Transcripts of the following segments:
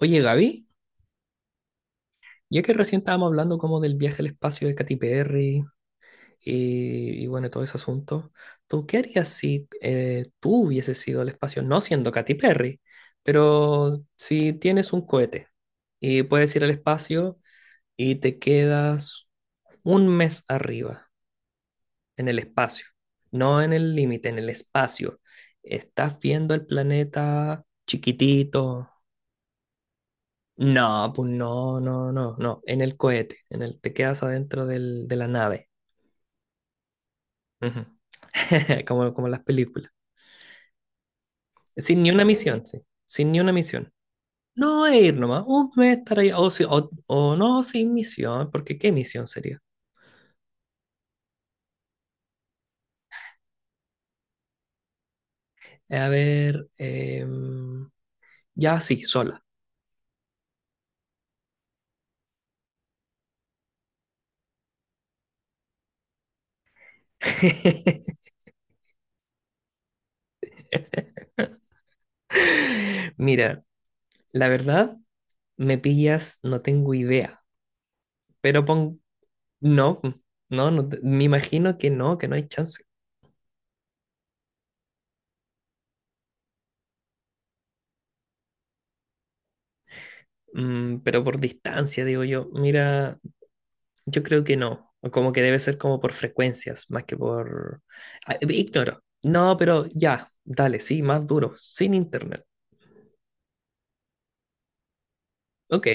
Oye, Gaby, ya que recién estábamos hablando como del viaje al espacio de Katy Perry y bueno, todo ese asunto, ¿tú qué harías si tú hubieses ido al espacio, no siendo Katy Perry, pero si tienes un cohete y puedes ir al espacio y te quedas un mes arriba, en el espacio, no en el límite, en el espacio, estás viendo el planeta chiquitito. No, pues no, no, no, no. En el cohete, en el te quedas adentro de la nave. Ujú. Como las películas. Sin ni una misión, sí. Sin ni una misión. No es ir nomás. Un mes estar ahí. O, si- o no, sin misión, porque ¿qué misión sería? A ver, ya sí, sola. Mira, la verdad, me pillas, no tengo idea. Pero pon, no, no, no, me imagino que no hay chance. Mm, pero por distancia, digo yo. Mira, yo creo que no. o como que debe ser como por frecuencias, más que por... Ah, ignoro. No, pero ya, dale, sí, más duro, sin internet. Ok,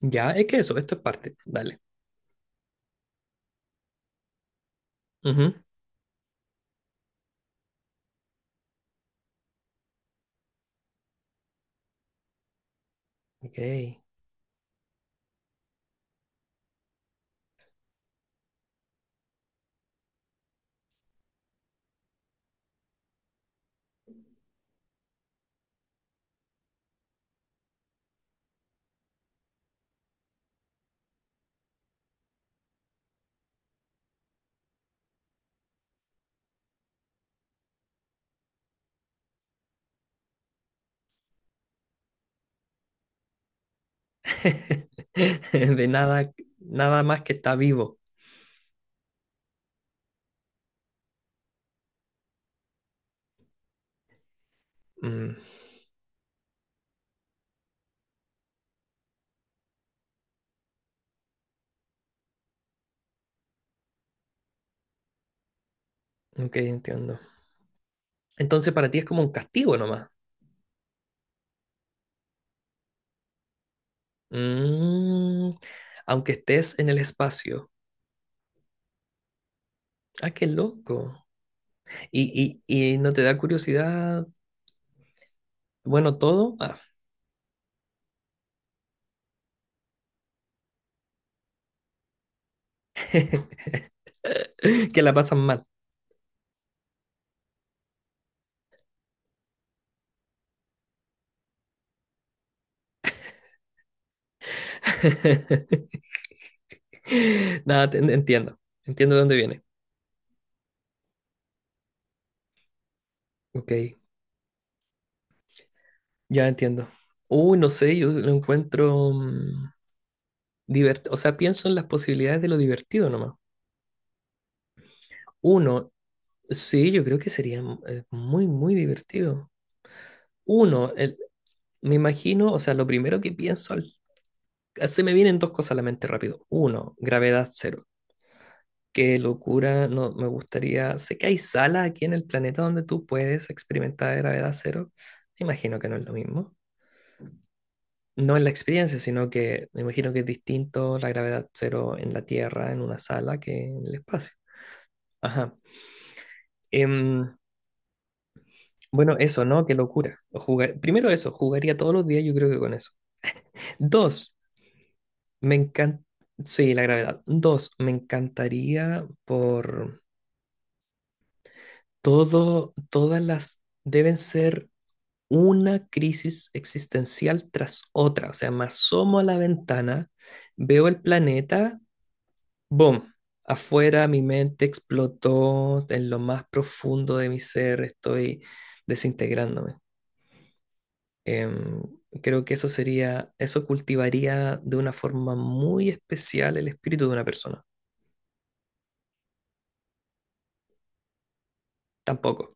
ya, es que eso, esto es parte, dale. Ujú. Ok. De nada, nada más que está vivo. Mm, ok, entiendo. Entonces para ti es como un castigo nomás. Mm, aunque estés en el espacio. Ah, qué loco. ¿Y no te da curiosidad, bueno, todo? Ah, que la pasan mal. Nada, entiendo. Entiendo de dónde viene. Ok, ya entiendo. Uy, no sé, yo lo encuentro divertido. O sea, pienso en las posibilidades de lo divertido nomás. Uno, sí, yo creo que sería muy, muy divertido. Uno, me imagino, o sea, lo primero que pienso, se me vienen dos cosas a la mente rápido. Uno, gravedad cero. Qué locura, no, me gustaría. Sé que hay salas aquí en el planeta donde tú puedes experimentar gravedad cero. Me imagino que no es lo mismo. No en la experiencia, sino que me imagino que es distinto la gravedad cero en la Tierra, en una sala, que en el espacio. Ajá. Em, bueno, eso, ¿no? Qué locura. Primero eso, jugaría todos los días, yo creo que con eso. Dos, me encanta. Sí, la gravedad. Dos, me encantaría por todo, todas las deben ser una crisis existencial tras otra. O sea, me asomo a la ventana, veo el planeta, ¡boom! Afuera mi mente explotó en lo más profundo de mi ser, estoy desintegrándome. Em, creo que eso sería, eso cultivaría de una forma muy especial el espíritu de una persona. Tampoco.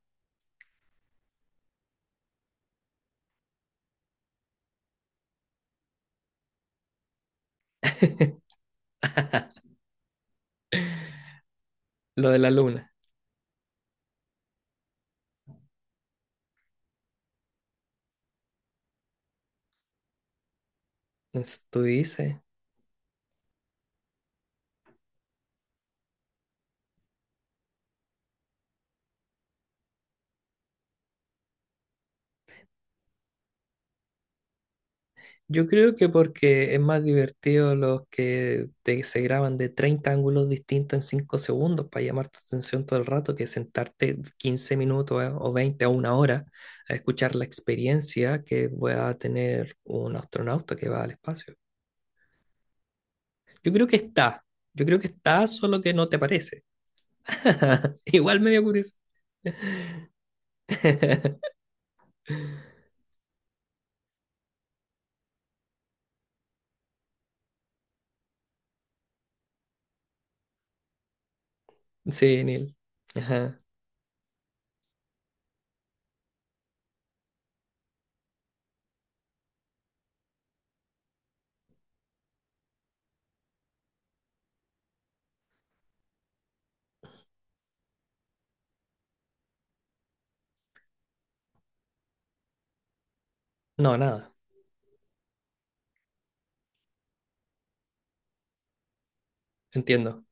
Lo de la luna. Tú dices. Yo creo que porque es más divertido los que se graban de 30 ángulos distintos en 5 segundos para llamar tu atención todo el rato que sentarte 15 minutos o 20 o una hora a escuchar la experiencia que va a tener un astronauta que va al espacio. Yo creo que está, yo creo que está, solo que no te parece. Igual medio curioso. Sí, Neil. Ajá. No, nada, entiendo.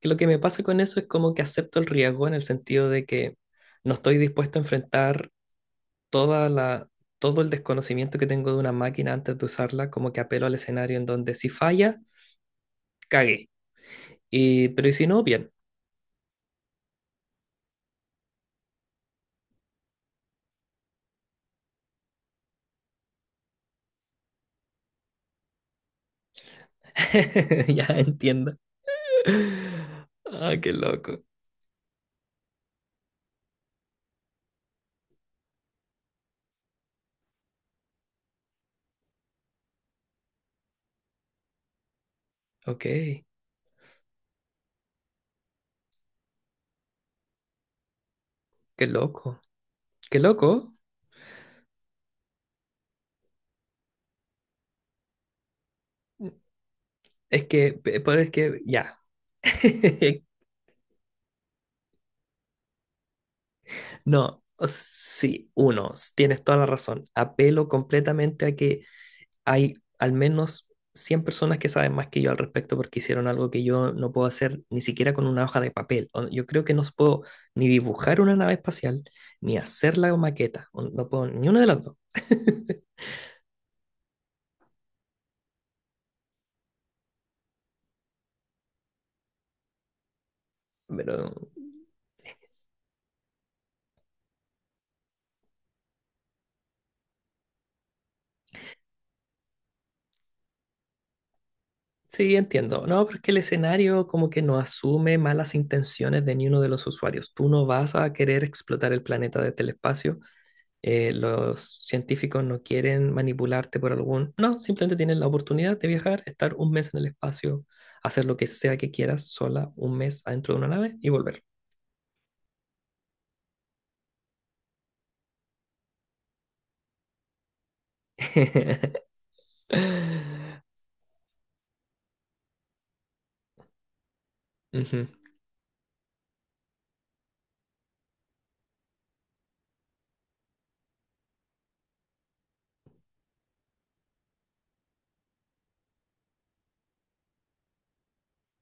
Que lo que me pasa con eso es como que acepto el riesgo en el sentido de que no estoy dispuesto a enfrentar toda la, todo el desconocimiento que tengo de una máquina antes de usarla, como que apelo al escenario en donde si falla, cagué. Y, pero y si no, bien. Ya entiendo. Ah, qué loco. Ok, qué loco. Qué loco. Es que, pero es que, ya. No, sí, uno, tienes toda la razón. Apelo completamente a que hay al menos 100 personas que saben más que yo al respecto porque hicieron algo que yo no puedo hacer ni siquiera con una hoja de papel. O, yo creo que no puedo ni dibujar una nave espacial, ni hacer la maqueta. O no puedo ni una de las dos. Pero sí, entiendo. No, pero es que el escenario como que no asume malas intenciones de ni uno de los usuarios. Tú no vas a querer explotar el planeta desde el espacio, los científicos no quieren manipularte por algún... No, simplemente tienen la oportunidad de viajar, estar un mes en el espacio, hacer lo que sea que quieras sola, un mes adentro de una nave y volver. Ujú.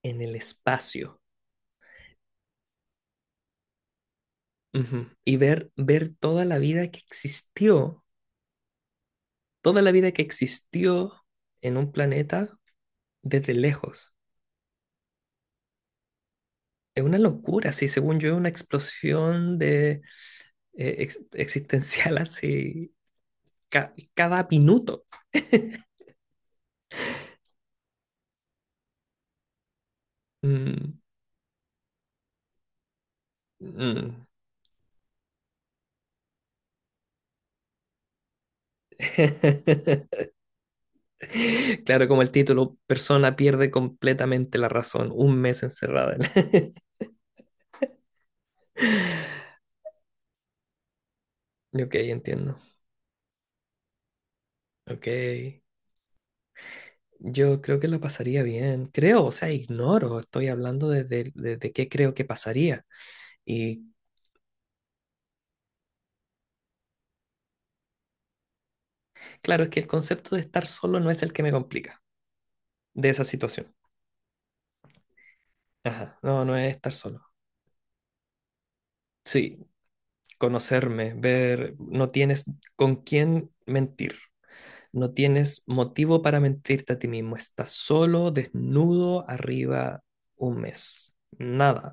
En el espacio. Ujú. Y ver, ver toda la vida que existió, toda la vida que existió en un planeta desde lejos. Es una locura, sí, según yo, una explosión de, existencial así ca- cada minuto. Mm. Mm. Claro, como el título, persona pierde completamente la razón, un mes encerrada. Ok, entiendo. Ok. Yo creo que la pasaría bien. Creo, o sea, ignoro, estoy hablando desde, desde qué creo que pasaría. Y claro, es que el concepto de estar solo no es el que me complica de esa situación. Ajá, no, no es estar solo. Sí, conocerme, ver, no tienes con quién mentir. No tienes motivo para mentirte a ti mismo. Estás solo, desnudo, arriba un mes. Nada.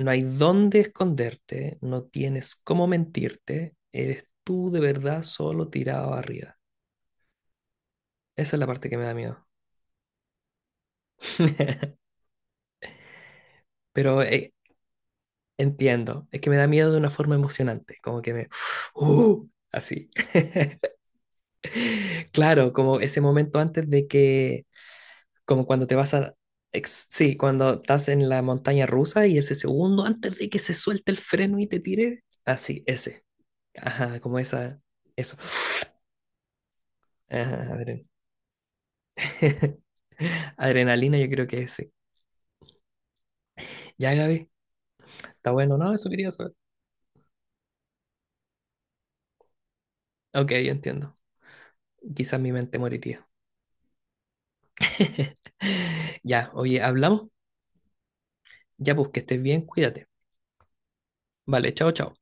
No hay dónde esconderte, no tienes cómo mentirte. Eres tú de verdad solo tirado arriba. Esa es la parte que me da miedo. Pero entiendo, es que me da miedo de una forma emocionante, como que me... ¡uh! Así. Claro, como ese momento antes de que... Como cuando te vas a... sí, cuando estás en la montaña rusa y ese segundo antes de que se suelte el freno y te tire. Así, ese. Ajá, como esa... Eso. Ajá, adrenalina, yo creo que ese. Ya, Gaby. Está bueno, no, eso quería saber. Ok, entiendo. Quizás mi mente moriría. Ya, oye, hablamos. Ya, pues que estés bien, cuídate. Vale, chao, chao.